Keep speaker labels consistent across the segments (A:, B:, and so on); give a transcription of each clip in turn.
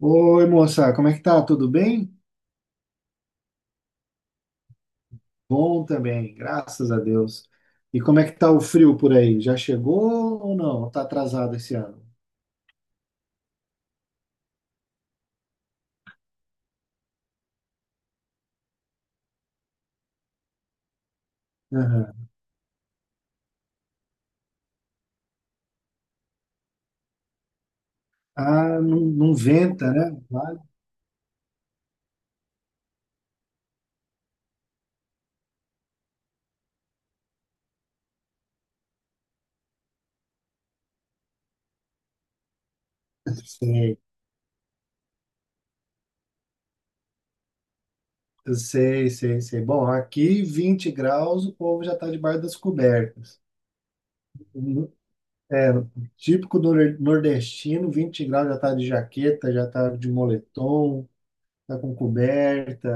A: Oi, moça, como é que tá? Tudo bem? Bom também, graças a Deus. E como é que tá o frio por aí? Já chegou ou não? Tá atrasado esse ano? Aham. Ah, não, não venta, né? Sei, eu sei, sei, sei. Bom, aqui 20 graus, o povo já tá debaixo das cobertas. É, típico do nordestino, 20 graus já tá de jaqueta, já tá de moletom, tá com coberta.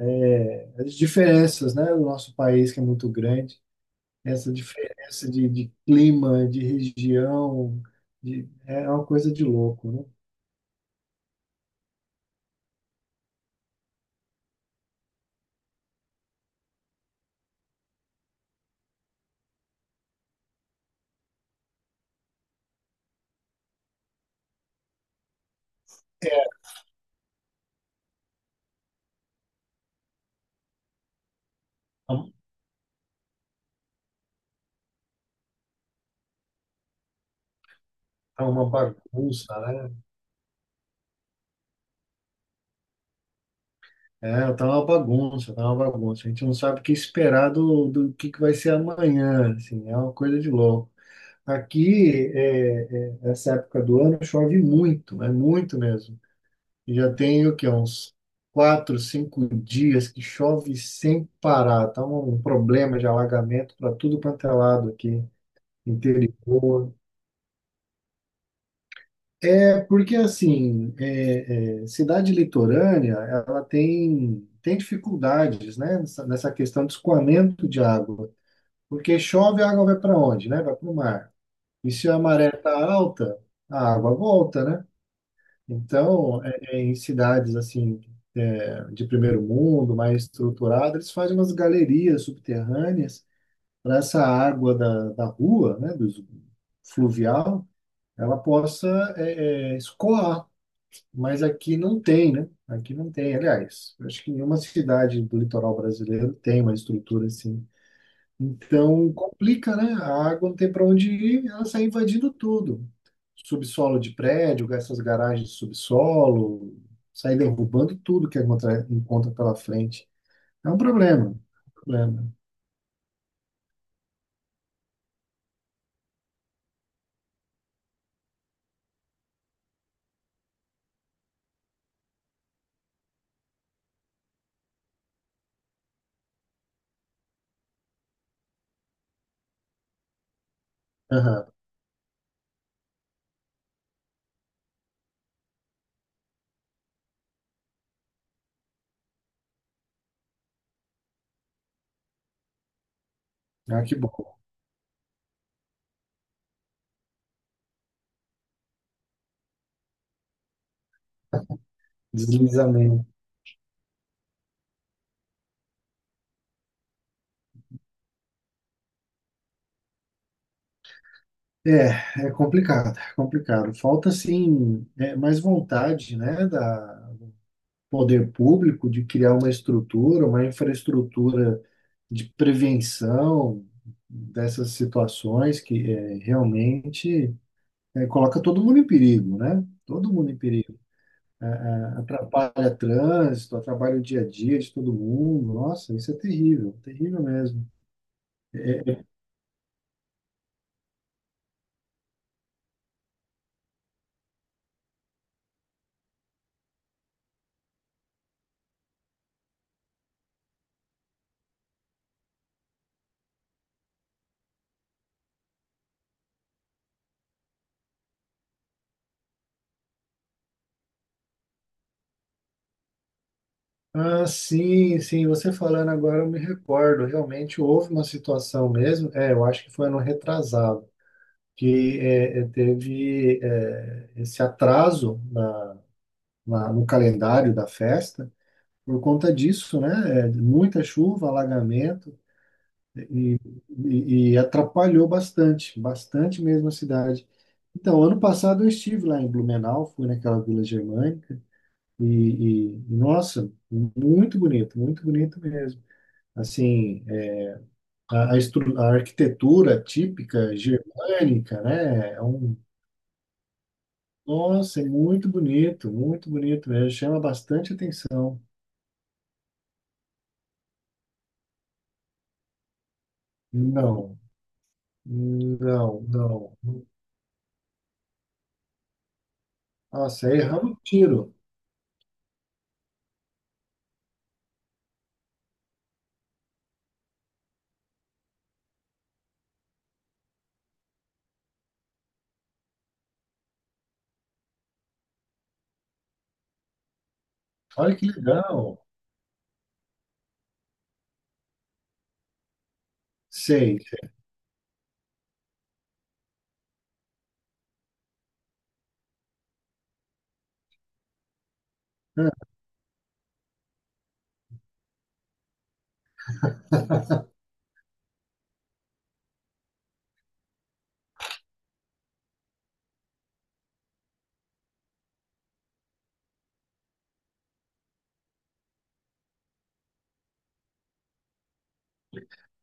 A: É, as diferenças, né, do nosso país que é muito grande. Essa diferença de clima, de região, é uma coisa de louco, né? Tá tá uma bagunça, né? É, tá uma bagunça, tá uma bagunça. A gente não sabe o que esperar do que vai ser amanhã, assim, é uma coisa de louco. Aqui, essa época do ano, chove muito, é muito mesmo. E já tem o quê? Uns 4, 5 dias que chove sem parar. Tá um problema de alagamento para tudo quanto é lado aqui. Interior. É, porque assim, cidade litorânea, ela tem dificuldades, né, nessa questão de escoamento de água. Porque chove, a água vai para onde, né? Vai para o mar. E se a maré está alta, a água volta, né? Então, em cidades assim, de primeiro mundo, mais estruturadas, eles fazem umas galerias subterrâneas para essa água da rua, né, do fluvial, ela possa escoar, mas aqui não tem, né? Aqui não tem, aliás, eu acho que nenhuma cidade do litoral brasileiro tem uma estrutura assim. Então complica, né? A água não tem para onde ir, ela sai invadindo tudo. Subsolo de prédio, essas garagens de subsolo, sai derrubando tudo que encontra pela frente. É um problema, um problema. Aham. Ah, que bom. Deslizamento. É, é complicado, é complicado. Falta, sim, mais vontade, né, da poder público de criar uma estrutura, uma infraestrutura de prevenção dessas situações que realmente coloca todo mundo em perigo, né? Todo mundo em perigo. Atrapalha trânsito, atrapalha o dia a dia de todo mundo. Nossa, isso é terrível, terrível mesmo. Ah, sim, sim, você falando agora eu me recordo, realmente houve uma situação mesmo, eu acho que foi ano retrasado, que teve esse atraso no calendário da festa, por conta disso, né, muita chuva, alagamento, e atrapalhou bastante, bastante mesmo a cidade. Então, ano passado eu estive lá em Blumenau, fui naquela Vila Germânica, e nossa, muito bonito mesmo. Assim, a arquitetura típica germânica, né? Nossa, é muito bonito mesmo, chama bastante atenção. Não, não, não. Nossa, aí erramos o tiro. Olha que legal. Sei. Ah,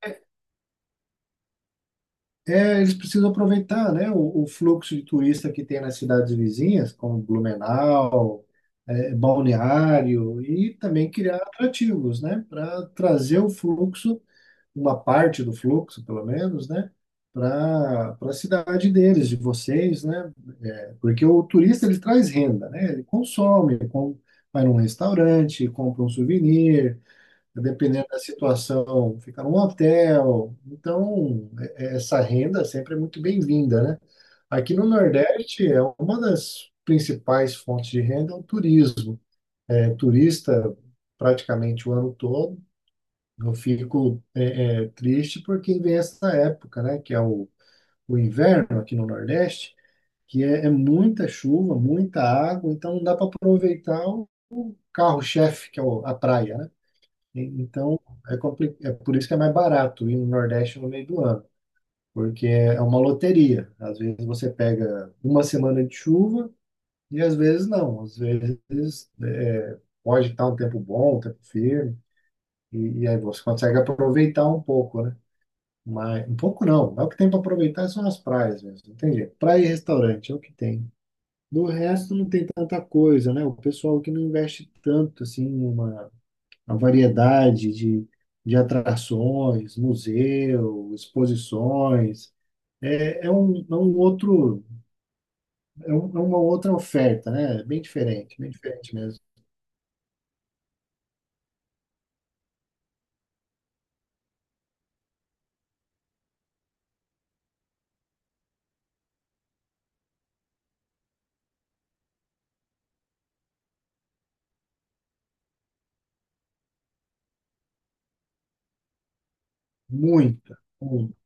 A: É, eles precisam aproveitar, né, o fluxo de turista que tem nas cidades vizinhas, como Blumenau, Balneário, e também criar atrativos, né, para trazer o fluxo uma parte do fluxo, pelo menos, né, para a cidade deles, de vocês, né? Porque o turista ele traz renda, né? Ele consome, vai num restaurante, compra um souvenir, dependendo da situação, fica num hotel. Então, essa renda sempre é muito bem-vinda, né? Aqui no Nordeste é uma das principais fontes de renda é o turismo. É turista praticamente o ano todo, eu fico triste porque vem essa época, né, que é o inverno aqui no Nordeste, que é muita chuva, muita água, então não dá para aproveitar o carro-chefe, que é a praia, né? Então, é por isso que é mais barato ir no Nordeste no meio do ano, porque é uma loteria. Às vezes você pega uma semana de chuva e às vezes não. Às vezes pode estar um tempo bom, um tempo firme, e aí você consegue aproveitar um pouco, né? Mas, um pouco não. Mas o que tem para aproveitar são as praias mesmo. Não tem Praia e restaurante é o que tem. Do resto não tem tanta coisa, né? O pessoal que não investe tanto assim em uma variedade de atrações, museu, exposições. É, é um, é um outro, é uma outra oferta, né? Bem diferente mesmo. Muita, muita.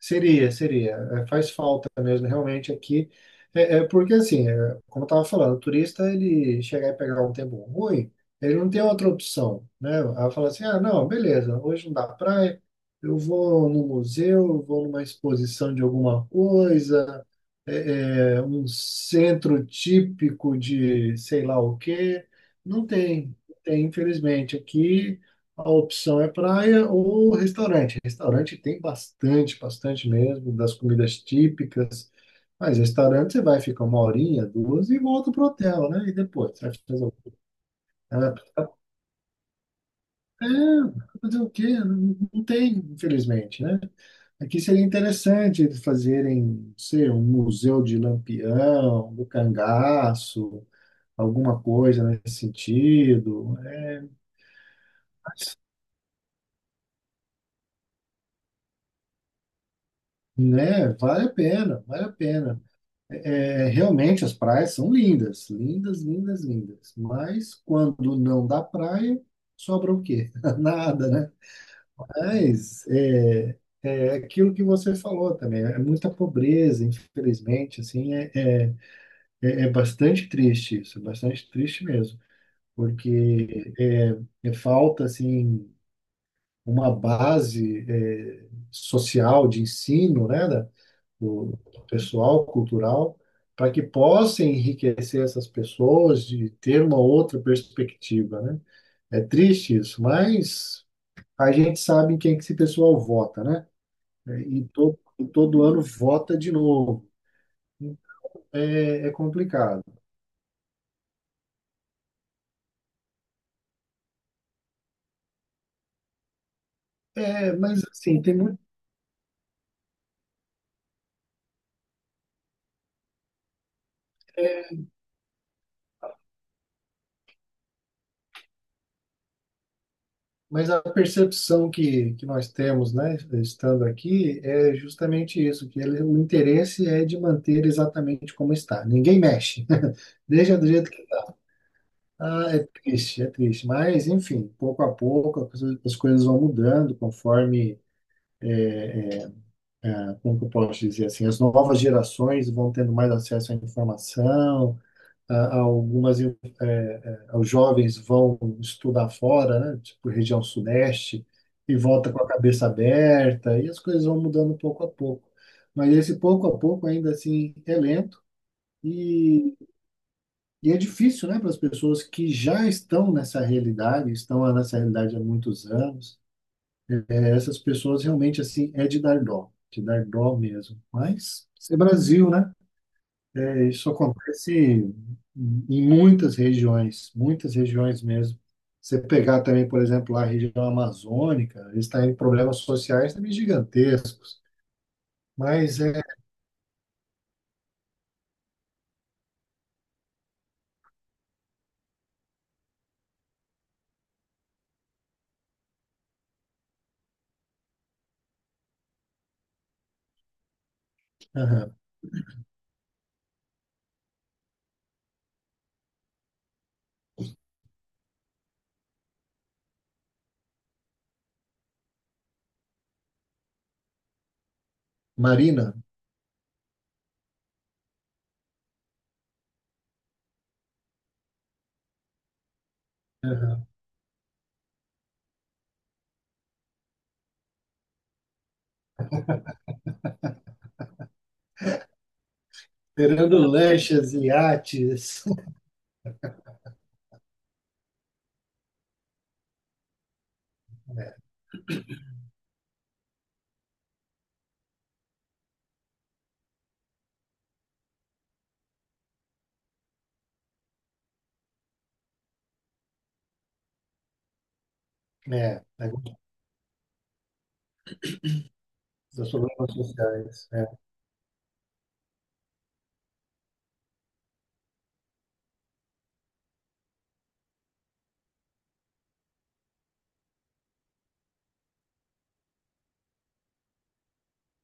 A: Seria, seria. É, faz falta mesmo, realmente, aqui. É porque, assim, como eu estava falando, o turista, ele chegar e pegar um tempo ruim, ele não tem outra opção, né? Ela fala assim, ah, não, beleza, hoje não dá praia, eu vou no museu, eu vou numa exposição de alguma coisa, um centro típico de sei lá o quê. Não tem, não tem, infelizmente. Aqui a opção é praia ou restaurante. Restaurante tem bastante, bastante mesmo, das comidas típicas. Mas restaurante você vai ficar uma horinha, duas e volta pro hotel, né? E depois, você vai fazer. Ah, tá, é, fazer o quê? Não, não tem, infelizmente, né? Aqui seria interessante eles fazerem, não sei, um museu de Lampião, do cangaço, alguma coisa nesse sentido, né? Vale a pena, vale a pena. Realmente as praias são lindas, lindas, lindas, lindas. Mas quando não dá praia, sobra o quê? Nada, né. Mas é aquilo que você falou também, é muita pobreza, infelizmente, assim, é bastante triste isso, é bastante triste mesmo, porque é falta, assim, uma base, social, de ensino, né, do, do pessoal cultural, para que possa enriquecer essas pessoas de ter uma outra perspectiva, né? É triste isso, mas a gente sabe em quem que esse pessoal vota, né? Né? E todo ano vota de novo. É complicado. É, mas assim, mas a percepção que nós temos, né, estando aqui, é justamente isso, que o interesse é de manter exatamente como está. Ninguém mexe. Deixa do jeito que tá. Ah, é triste, é triste. Mas, enfim, pouco a pouco as coisas vão mudando conforme, ah, como que eu posso dizer, assim, as novas gerações vão tendo mais acesso à informação, ah, os jovens vão estudar fora, né? Tipo região sudeste, e volta com a cabeça aberta e as coisas vão mudando pouco a pouco. Mas esse pouco a pouco ainda assim é lento e, e é difícil, né, para as pessoas que já estão nessa realidade há muitos anos. Eh, essas pessoas realmente, assim, é de dar dó mesmo. Mas isso é Brasil, né? Isso acontece em muitas regiões mesmo. Você pegar também, por exemplo, a região amazônica, eles têm problemas sociais também gigantescos. Mas é. Aham. Marina, aham. Esperando lanchas e iates. É, é, os problemas sociais. É.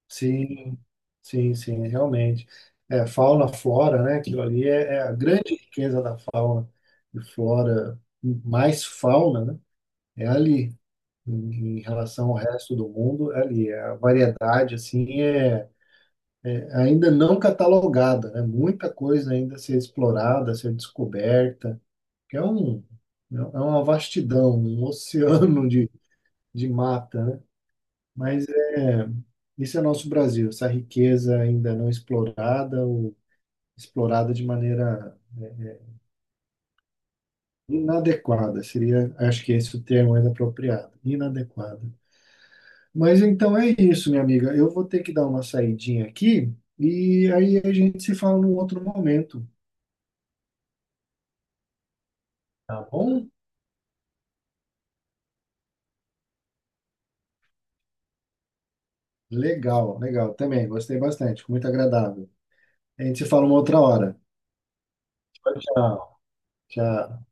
A: Sim, sim, sim, realmente. É, fauna, flora, né? Aquilo ali é a grande riqueza da fauna e flora, mais fauna, né? É ali. Em relação ao resto do mundo, é ali, a variedade assim é ainda não catalogada, né? Muita coisa ainda a ser explorada, a ser descoberta, que é uma vastidão, um oceano de mata, né? Mas é isso, é nosso Brasil, essa riqueza ainda não explorada ou explorada de maneira inadequada, seria, acho que esse é o termo mais apropriado, inadequada. Mas então é isso, minha amiga. Eu vou ter que dar uma saidinha aqui e aí a gente se fala num outro momento, tá bom? Legal, legal. Também gostei bastante, foi muito agradável. A gente se fala uma outra hora. Tchau, tchau. Tchau.